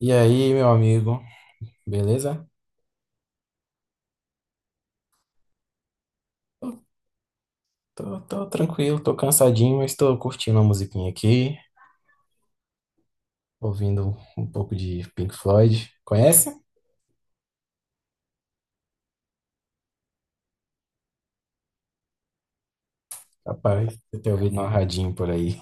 E aí, meu amigo, beleza? Tô tranquilo, tô cansadinho, mas tô curtindo a musiquinha aqui, ouvindo um pouco de Pink Floyd. Conhece? Rapaz, eu tenho ouvido uma radinho por aí.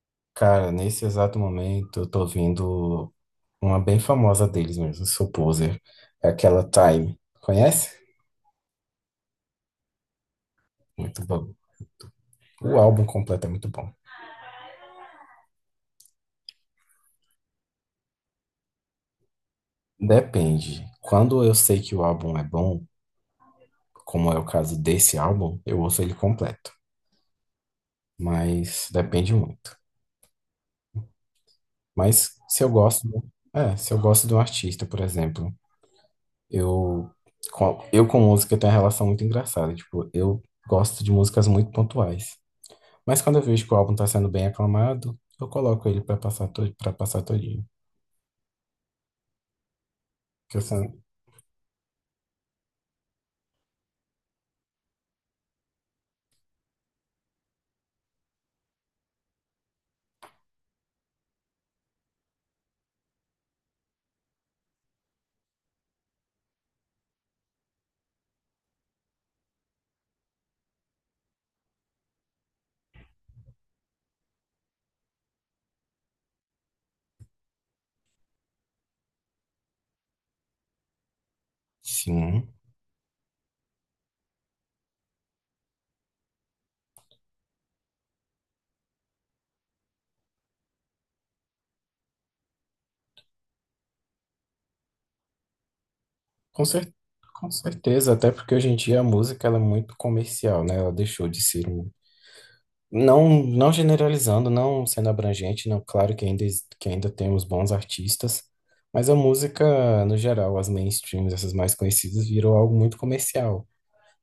Cara, nesse exato momento eu tô ouvindo uma bem famosa deles mesmo, Soul Poser, é aquela Time. Conhece? Muito bom. O álbum completo é muito bom. Depende. Quando eu sei que o álbum é bom, como é o caso desse álbum, eu ouço ele completo. Mas depende muito. Mas se eu gosto, se eu gosto de um artista, por exemplo, eu eu com música tenho uma relação muito engraçada, tipo, eu gosto de músicas muito pontuais. Mas quando eu vejo que o álbum tá sendo bem aclamado, eu coloco ele pra passar todo, para passar todinho. Que eu sou- sim, com cer- com certeza, até porque hoje em dia a música ela é muito comercial, né? Ela deixou de ser um- Não, não generalizando, não sendo abrangente, não, claro que ainda, que ainda temos bons artistas, mas a música, no geral, as mainstreams, essas mais conhecidas, virou algo muito comercial.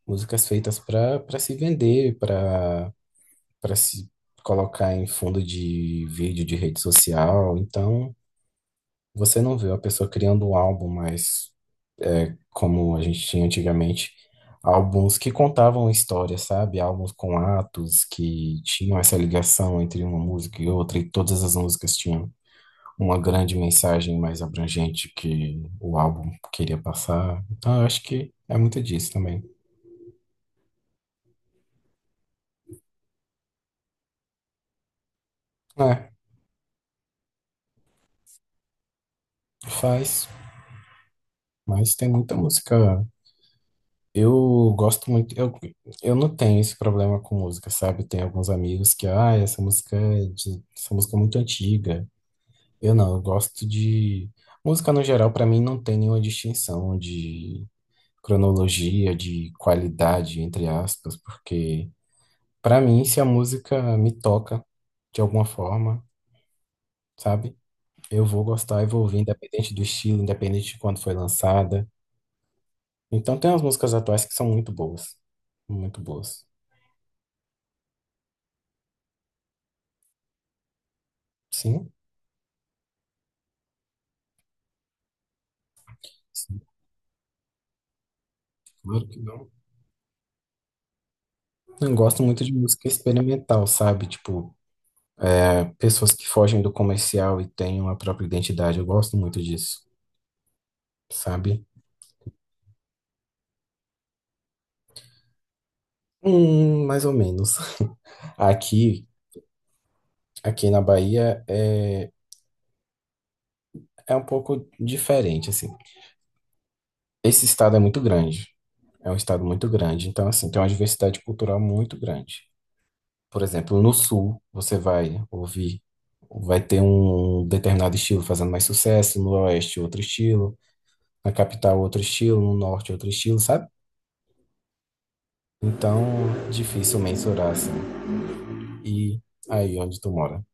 Músicas feitas para se vender, para se colocar em fundo de vídeo de rede social. Então, você não vê a pessoa criando um álbum mais como a gente tinha antigamente, álbuns que contavam histórias, sabe? Álbuns com atos que tinham essa ligação entre uma música e outra, e todas as músicas tinham uma grande mensagem mais abrangente que o álbum queria passar. Então, eu acho que é muito disso também. É, faz, mas tem muita música. Eu gosto muito, eu não tenho esse problema com música, sabe? Tem alguns amigos que, ah, essa música é muito antiga. Eu gosto de música no geral, pra mim não tem nenhuma distinção de cronologia, de qualidade, entre aspas, porque pra mim se a música me toca de alguma forma, sabe? Eu vou gostar e vou ouvir independente do estilo, independente de quando foi lançada. Então tem umas músicas atuais que são muito boas, muito boas. Sim, sim, claro que não. Eu gosto muito de música experimental, sabe? Tipo é, pessoas que fogem do comercial e têm uma própria identidade. Eu gosto muito disso, sabe? Mais ou menos. Aqui, aqui na Bahia é um pouco diferente, assim. Esse estado é muito grande. É um estado muito grande, então assim, tem uma diversidade cultural muito grande. Por exemplo, no sul você vai ouvir, vai ter um determinado estilo fazendo mais sucesso, no oeste outro estilo, na capital outro estilo, no norte outro estilo, sabe? Então, difícil mensurar, assim. E aí, onde tu mora?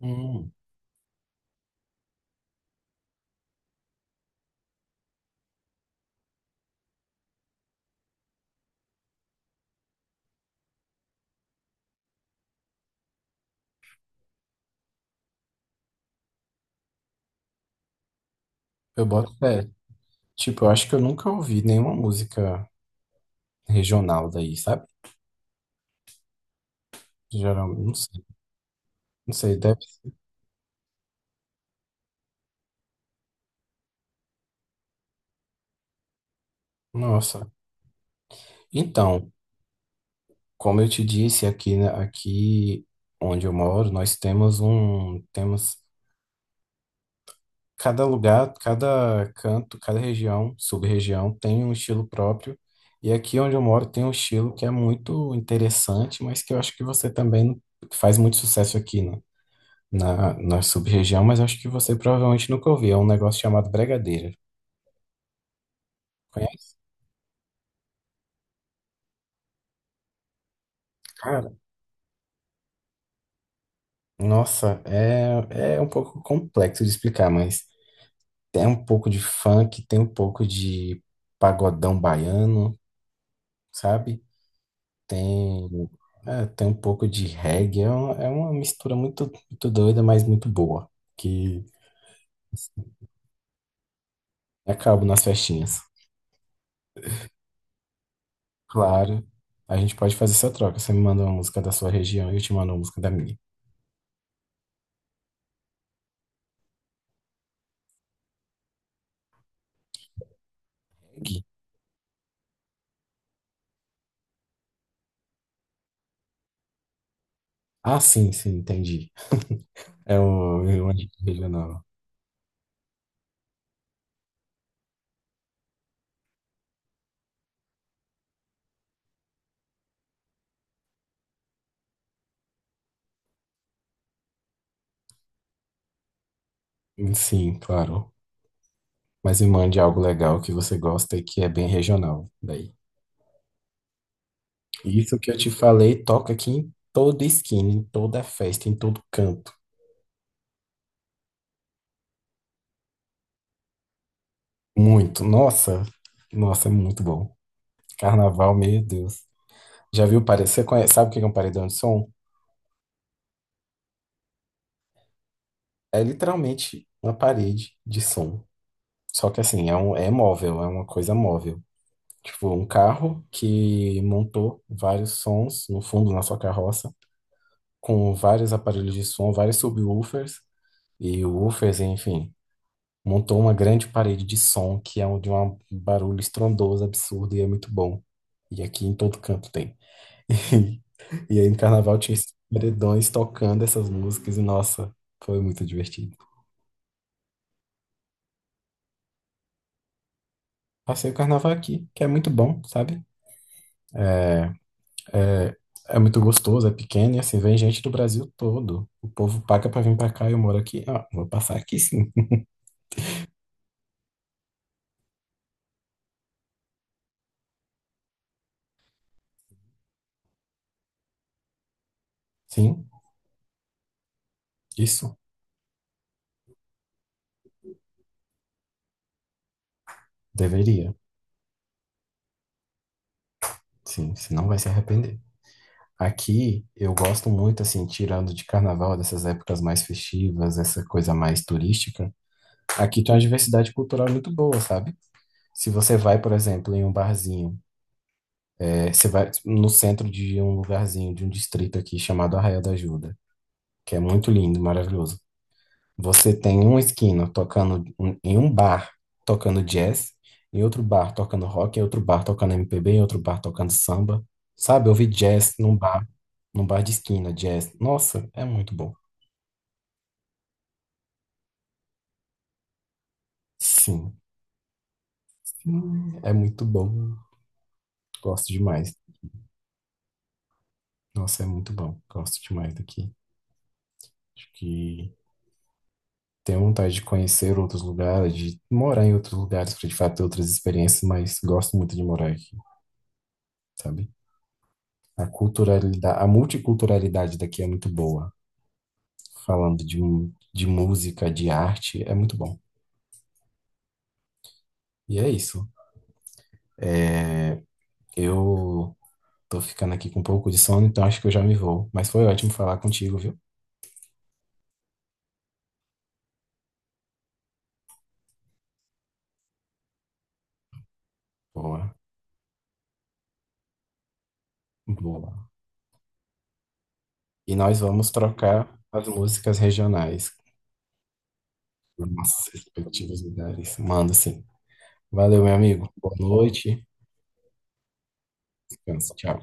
Hum, eu boto fé. Tipo, eu acho que eu nunca ouvi nenhuma música regional daí, sabe? Geralmente, não sei, não sei, deve... Nossa. Então, como eu te disse, aqui, né, aqui onde eu moro, nós temos um... Temos cada lugar, cada canto, cada região, sub-região tem um estilo próprio. E aqui onde eu moro tem um estilo que é muito interessante, mas que eu acho que você também faz muito sucesso aqui na sub-região, mas acho que você provavelmente nunca ouviu. É um negócio chamado bregadeira. Conhece? Cara, nossa, é um pouco complexo de explicar, mas tem um pouco de funk, tem um pouco de pagodão baiano, sabe? Tem, tem um pouco de reggae, é uma mistura muito, muito doida, mas muito boa, que acaba nas festinhas. Claro, a gente pode fazer essa troca. Você me manda uma música da sua região e eu te mando uma música da minha. Aqui. Ah, sim, sim, entendi. Uma dica regional. Sim, claro. Mas me mande algo legal que você gosta e que é bem regional. Daí. Isso que eu te falei toca aqui em toda esquina, em toda festa, em todo canto. Muito. Nossa, nossa, é muito bom. Carnaval, meu Deus. Já viu parede? Você conhece, sabe o que é um paredão de som? É literalmente uma parede de som. Só que assim, é móvel, é uma coisa móvel. Tipo, um carro que montou vários sons no fundo na sua carroça, com vários aparelhos de som, vários subwoofers e woofers, enfim. Montou uma grande parede de som que é um de um barulho estrondoso, absurdo e é muito bom. E aqui em todo canto tem. E, e aí no carnaval tinha esses paredões tocando essas músicas, e nossa, foi muito divertido. Passei o carnaval aqui, que é muito bom, sabe? É, é muito gostoso, é pequeno, e assim, vem gente do Brasil todo. O povo paga pra vir pra cá, e eu moro aqui. Ah, vou passar aqui sim. Sim, isso, deveria. Sim, senão vai se arrepender. Aqui eu gosto muito, assim, tirando de carnaval, dessas épocas mais festivas, essa coisa mais turística. Aqui tem uma diversidade cultural muito boa, sabe? Se você vai, por exemplo, em um barzinho, é, você vai no centro de um lugarzinho, de um distrito aqui chamado Arraial da Ajuda, que é muito lindo, maravilhoso. Você tem uma esquina tocando em um bar tocando jazz, em outro bar tocando rock, em outro bar tocando MPB, em outro bar tocando samba. Sabe, eu vi jazz num bar de esquina, jazz. Nossa, é muito bom. Sim, hum, é muito bom. Gosto demais. Nossa, é muito bom. Gosto demais daqui. Acho que tenho vontade de conhecer outros lugares, de morar em outros lugares para de fato ter outras experiências, mas gosto muito de morar aqui, sabe? A culturalidade, a multiculturalidade daqui é muito boa. Falando de, de música, de arte, é muito bom. E é isso. É, eu tô ficando aqui com um pouco de sono, então acho que eu já me vou. Mas foi ótimo falar contigo, viu? Boa, boa. E nós vamos trocar as músicas regionais dos nossos respectivos lugares. Manda sim. Valeu, meu amigo. Boa noite. Tchau.